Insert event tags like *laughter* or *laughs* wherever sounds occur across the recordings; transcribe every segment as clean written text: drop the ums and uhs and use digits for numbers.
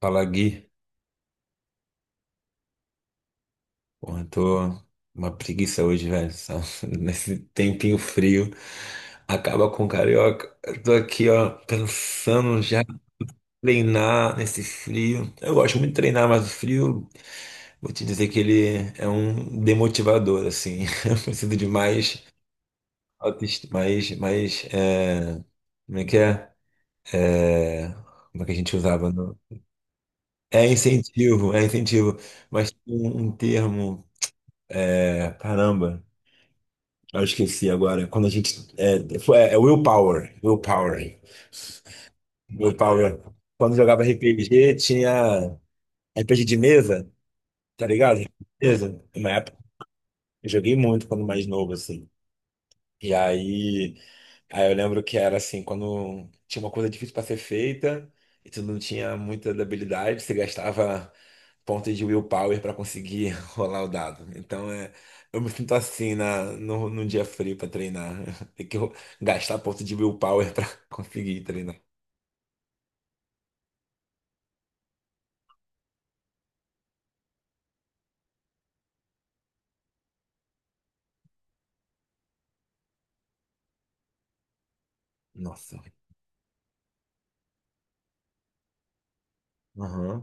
Fala, Gui. Porra, eu tô uma preguiça hoje, velho. Só *laughs* nesse tempinho frio. Acaba com o carioca. Eu tô aqui, ó, pensando já em treinar nesse frio. Eu gosto muito de treinar, mas o frio, vou te dizer que ele é um demotivador, assim. *laughs* Eu preciso de mais autoestima, como é que é? É, Como é que a gente usava no... É incentivo, é incentivo. Mas tem um termo, caramba. Eu esqueci agora. Quando a gente. É, foi, é é Willpower. Willpower. Willpower. Quando jogava RPG, tinha RPG de mesa, tá ligado? Mesa. Na época, eu joguei muito quando mais novo, assim. E aí, eu lembro que era assim, quando tinha uma coisa difícil para ser feita e tu não tinha muita habilidade, você gastava pontos de willpower para conseguir *laughs* rolar o dado. Então é, eu me sinto assim na no, num dia frio para treinar. *laughs* Tem que gastar ponto de willpower para *laughs* conseguir treinar. Nossa. Aham.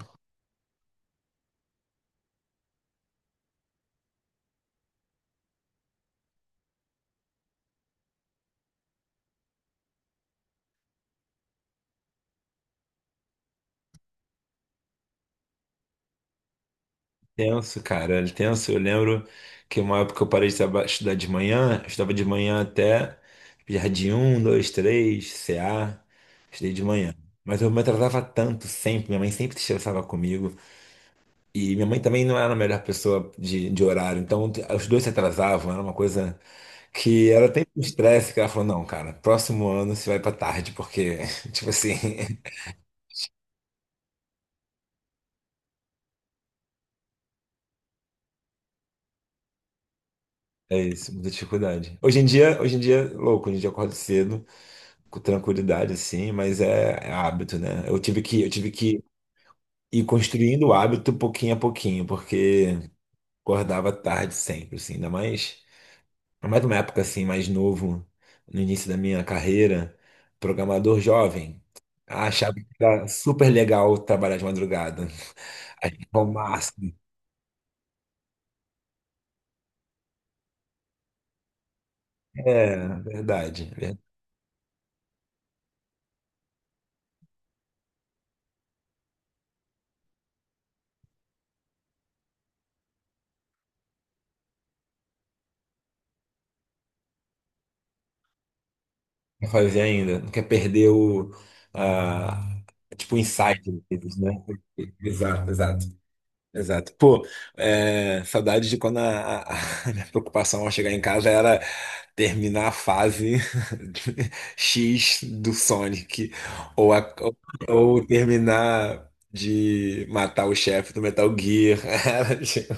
Tenso, cara, era tenso. Eu lembro que uma época eu parei de estudar de manhã, eu estudava de manhã até Jardim 1, 2, 3, CA, estudei de manhã. Mas eu me atrasava tanto sempre, minha mãe sempre se estressava comigo. E minha mãe também não era a melhor pessoa de horário, então os dois se atrasavam, era uma coisa que era até um estresse, que ela falou, não, cara, próximo ano você vai pra tarde, porque, *laughs* tipo assim, *laughs* é isso, muita dificuldade. Hoje em dia, é louco, hoje em dia eu acordo cedo com tranquilidade, assim, mas é hábito, né? Eu tive que ir construindo o hábito pouquinho a pouquinho, porque acordava tarde sempre, assim, ainda mais numa época assim mais novo, no início da minha carreira, programador jovem. Achava que era super legal trabalhar de madrugada. Achava o máximo. Verdade, verdade. Quer fazer ainda. Não quer perder o, ah, tipo, o insight deles, né? Exato, exato. Exato. Pô, saudade de quando *laughs* a minha preocupação ao chegar em casa era terminar a fase *laughs* X do Sonic, ou, a- ou terminar de matar o chefe do Metal Gear. *laughs* Era, tipo.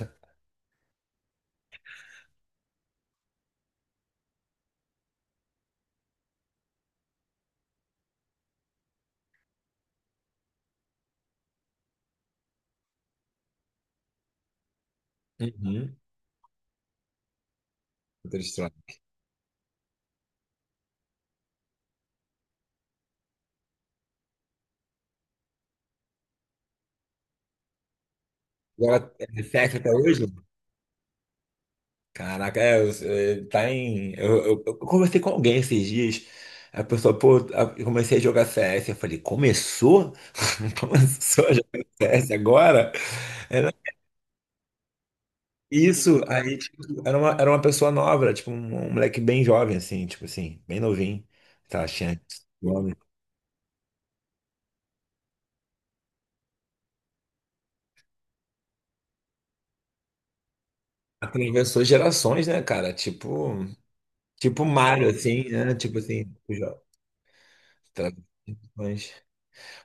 Uhum. Outra história. Agora, é reflexo até hoje? Caraca, Eu conversei com alguém esses dias. A pessoa, pô, eu comecei a jogar CS. Eu falei, começou? *laughs* Começou a jogar CS agora? Era isso. Aí, tipo, era uma pessoa nova, era, tipo, um moleque bem jovem, assim, tipo assim, bem novinho. Tá achando. Jovem. Atravessou gerações, né, cara? Tipo Mario, assim, né? Tipo assim, atravessou gerações.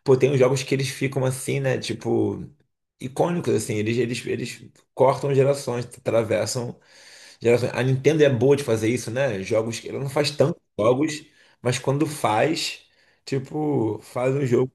Pô, tem uns jogos que eles ficam assim, né? Tipo, icônicos, assim. Eles cortam gerações, atravessam gerações. A Nintendo é boa de fazer isso, né? Jogos que ela não faz tantos jogos, mas quando faz, tipo, faz um jogo.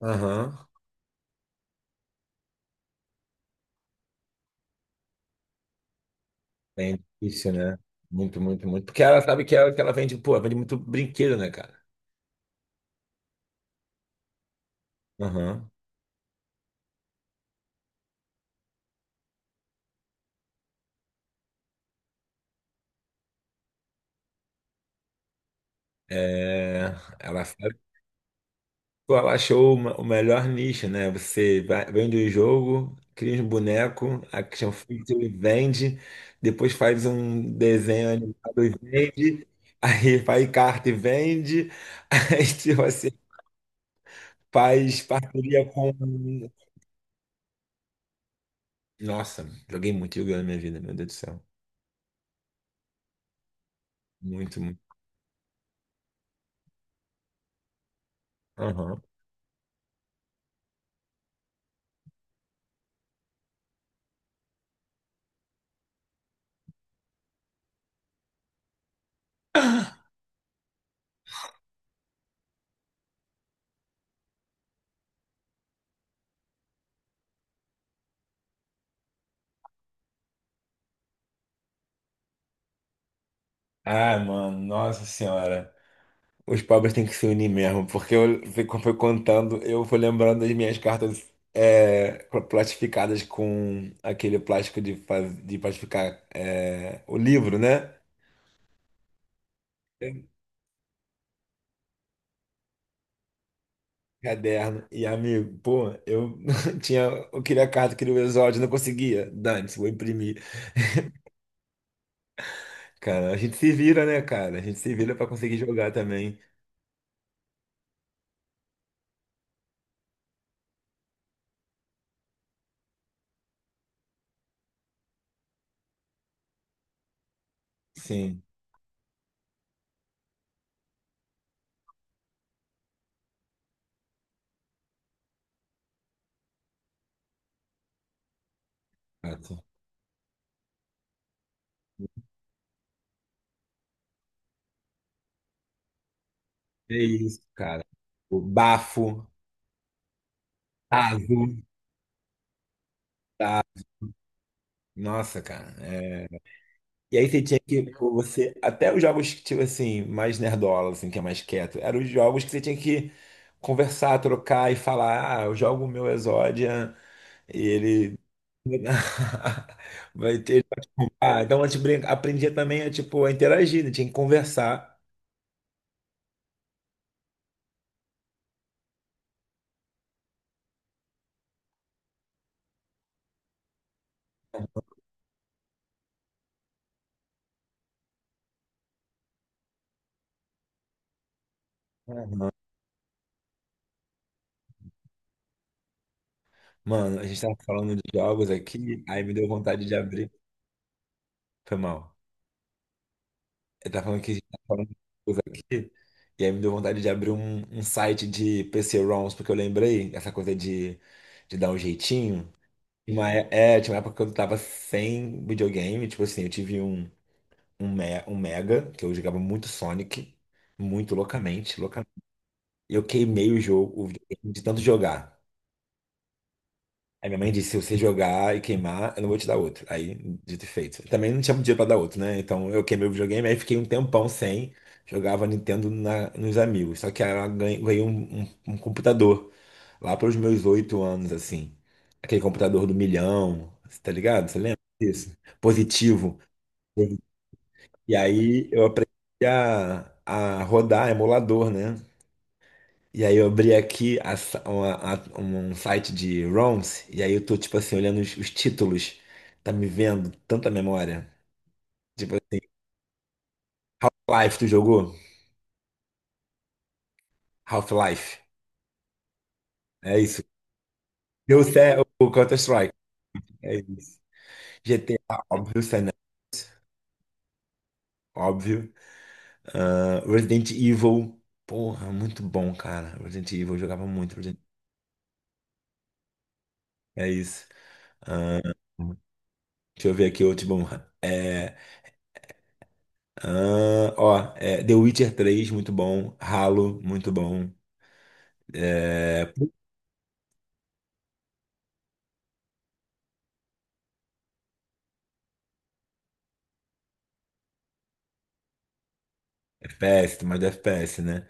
Aham. Bem difícil, né? Muito, muito, muito. Porque ela sabe que ela vende, pô, ela vende muito brinquedo, né, cara? Aham. É, ela. Tu achou o melhor nicho, né? Você vende o jogo, cria um boneco, action figure, vende, depois faz um desenho animado e vende, *laughs* aí faz carta e vende, *laughs* aí tipo assim, faz parceria com. Nossa, joguei muito Yu-Gi-Oh! Na minha vida, meu Deus do céu. Muito, muito. Aham. Ah, mano, nossa senhora. Os pobres têm que se unir mesmo, porque eu foi contando, eu fui lembrando das minhas cartas, plastificadas com aquele plástico de, de plastificar, o livro, né? Caderno. E amigo, pô, eu *laughs* tinha, eu queria a carta, queria o exódio, não conseguia. Dane-se, vou imprimir. Cara, a gente se vira, né, cara? A gente se vira pra conseguir jogar também. Sim, exato. É isso, cara. O bafo, tazo, tá? Nossa, cara. E aí você tinha que, tipo, você, até os jogos que, tipo assim, mais nerdola, assim, que é mais quieto, eram os jogos que você tinha que conversar, trocar e falar, ah, eu jogo o meu Exodia e ele... *laughs* Vai ter... Ah, então a gente aprendia também a, tipo, a interagir, né? Tinha que conversar. Mano, a gente tava falando de jogos aqui, aí me deu vontade de abrir. Foi mal. Ele tá falando que a gente tá falando de coisa aqui. E aí me deu vontade de abrir um site de PC-ROMs, porque eu lembrei essa coisa de dar um jeitinho. Tinha Uma, é, Tinha uma época que eu tava sem videogame, tipo assim, eu tive um Mega, que eu jogava muito Sonic, muito loucamente, loucamente. E eu queimei o jogo, o videogame de tanto jogar. Aí minha mãe disse, se você jogar e queimar, eu não vou te dar outro. Aí, dito e feito. Também não tinha dinheiro pra dar outro, né? Então eu queimei o videogame, aí fiquei um tempão sem. Jogava Nintendo nos amigos. Só que aí ela ganhei um computador lá pelos meus 8 anos, assim. Aquele computador do milhão, cê tá ligado? Você lembra disso? Positivo. E aí eu aprendi a rodar emulador, né? E aí eu abri aqui a sa- uma- a- um site de ROMs, e aí eu tô, tipo assim, olhando os títulos. Tá me vendo tanta memória. Tipo assim, Half-Life, tu jogou? Half-Life. É isso. Eu sei o Counter-Strike. É isso. GTA, óbvio, San, óbvio. Ah, Resident Evil. Porra, muito bom, cara. Resident Evil, eu jogava muito. Resident... É isso. Ah, deixa eu ver aqui outro bom. é, Ah, ó, The Witcher 3, muito bom. Halo, muito bom. É, FPS, mais do FPS, né?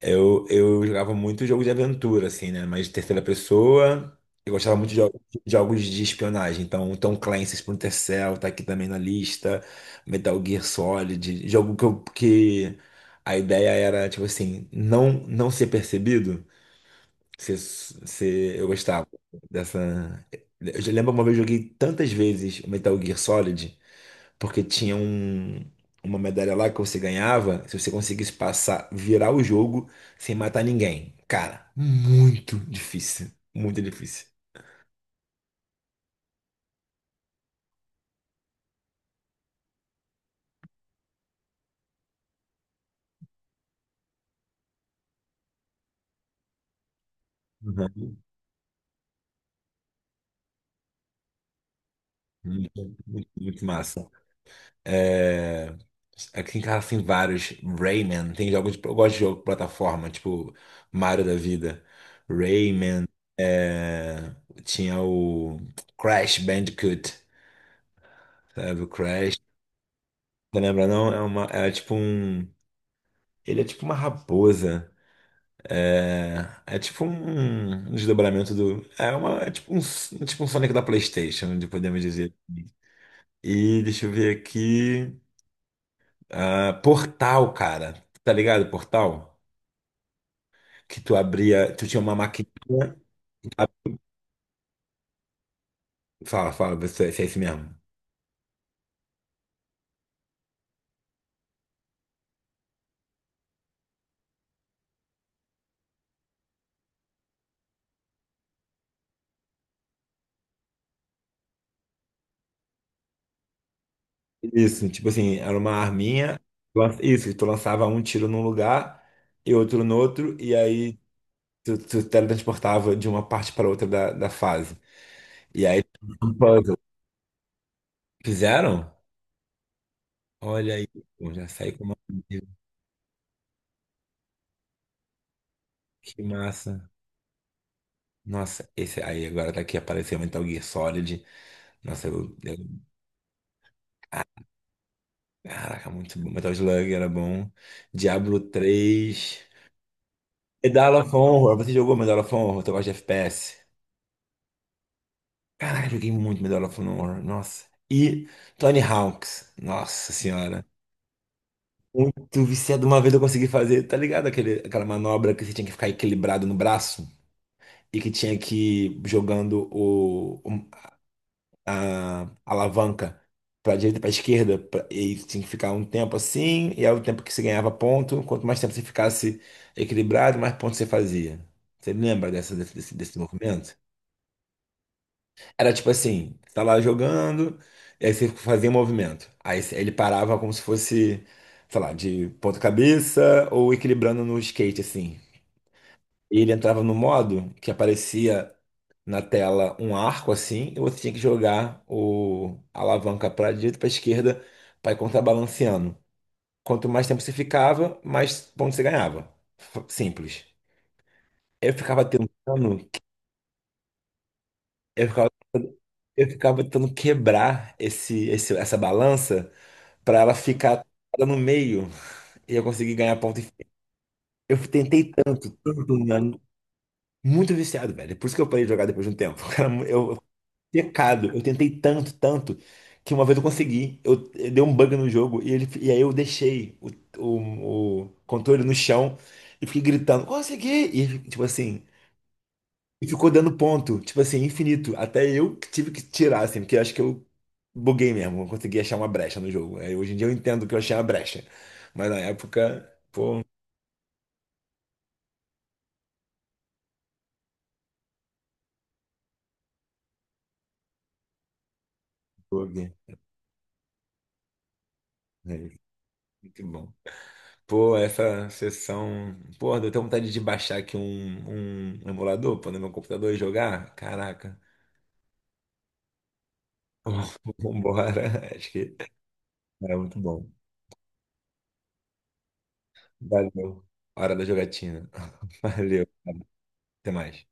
Eu jogava muito jogo de aventura, assim, né? Mas de terceira pessoa. Eu gostava muito de de jogos de espionagem. Então, Tom Clancy, Splinter Cell, tá aqui também na lista. Metal Gear Solid. Jogo que, que a ideia era, tipo assim, não, não ser percebido. Se, eu gostava dessa. Eu já lembro, uma vez eu joguei tantas vezes o Metal Gear Solid, porque tinha uma medalha lá que você ganhava se você conseguisse passar, virar o jogo sem matar ninguém. Cara, muito difícil. Muito difícil. Uhum. Muito, muito, muito massa. É, Aqui em casa tem vários. Rayman, tem jogos. Eu gosto de jogo de plataforma, tipo Mario da vida. Rayman. é, Tinha o Crash Bandicoot, sabe? O Crash. Você lembra, não? É uma... é tipo um. Ele é tipo uma raposa. É, é tipo um desdobramento do. É, uma... é tipo um Sonic da PlayStation, de podemos dizer. E deixa eu ver aqui. Ah, Portal, cara. Tá ligado? Portal? Que tu abria, tu tinha uma maquininha. Fala, fala, vê se é isso mesmo. Isso, tipo assim, era uma arminha. Isso, tu lançava um tiro num lugar e outro no outro, e aí tu teletransportava de uma parte para outra da fase. E aí, um puzzle. Fizeram? Olha aí, pô, já saí com uma. Que massa. Nossa, esse aí agora tá aqui, apareceu Metal Gear Solid. Nossa, Caraca, muito bom. Metal Slug era bom. Diablo 3. Medal of Honor. Você jogou Medal of Honor? Eu gosta de FPS. Caraca, joguei muito Medal of Honor. Nossa. E Tony Hawk's. Nossa senhora. Muito viciado. Uma vez eu consegui fazer, tá ligado? Aquela manobra que você tinha que ficar equilibrado no braço e que tinha que ir jogando a alavanca para direita, para esquerda, e tinha que ficar um tempo assim, e aí o tempo que você ganhava ponto, quanto mais tempo você ficasse equilibrado, mais pontos você fazia. Você lembra dessa, desse, desse desse movimento? Era tipo assim, você tá lá jogando, e aí você fazia um movimento. Aí ele parava como se fosse, sei lá, de ponta cabeça ou equilibrando no skate, assim. Ele entrava no modo que aparecia na tela um arco assim, e você tinha que jogar o a alavanca para direita e para esquerda para ir contrabalanceando. Quanto mais tempo você ficava, mais pontos você ganhava. Simples. Eu ficava tentando, eu ficava, eu ficava tentando quebrar essa balança para ela ficar toda no meio e eu conseguir ganhar ponto. Eu tentei tanto, tanto, né? Muito viciado, velho. Por isso que eu parei de jogar depois de um tempo. *laughs* Cara, pecado. Eu tentei tanto, tanto, que uma vez eu consegui. Eu dei um bug no jogo e aí eu deixei o controle no chão e fiquei gritando, consegui! E tipo assim, e ficou dando ponto, tipo assim, infinito. Até eu que tive que tirar, assim, porque eu acho que eu buguei mesmo, eu consegui achar uma brecha no jogo. Aí, hoje em dia eu entendo que eu achei uma brecha. Mas na época, pô, um bug. É, muito bom. Pô, essa sessão. Pô, deu até vontade de baixar aqui um emulador, pôr no meu computador e jogar. Caraca. *laughs* Vambora. Acho que era muito bom. Valeu. Hora da jogatina. *laughs* Valeu. Até mais.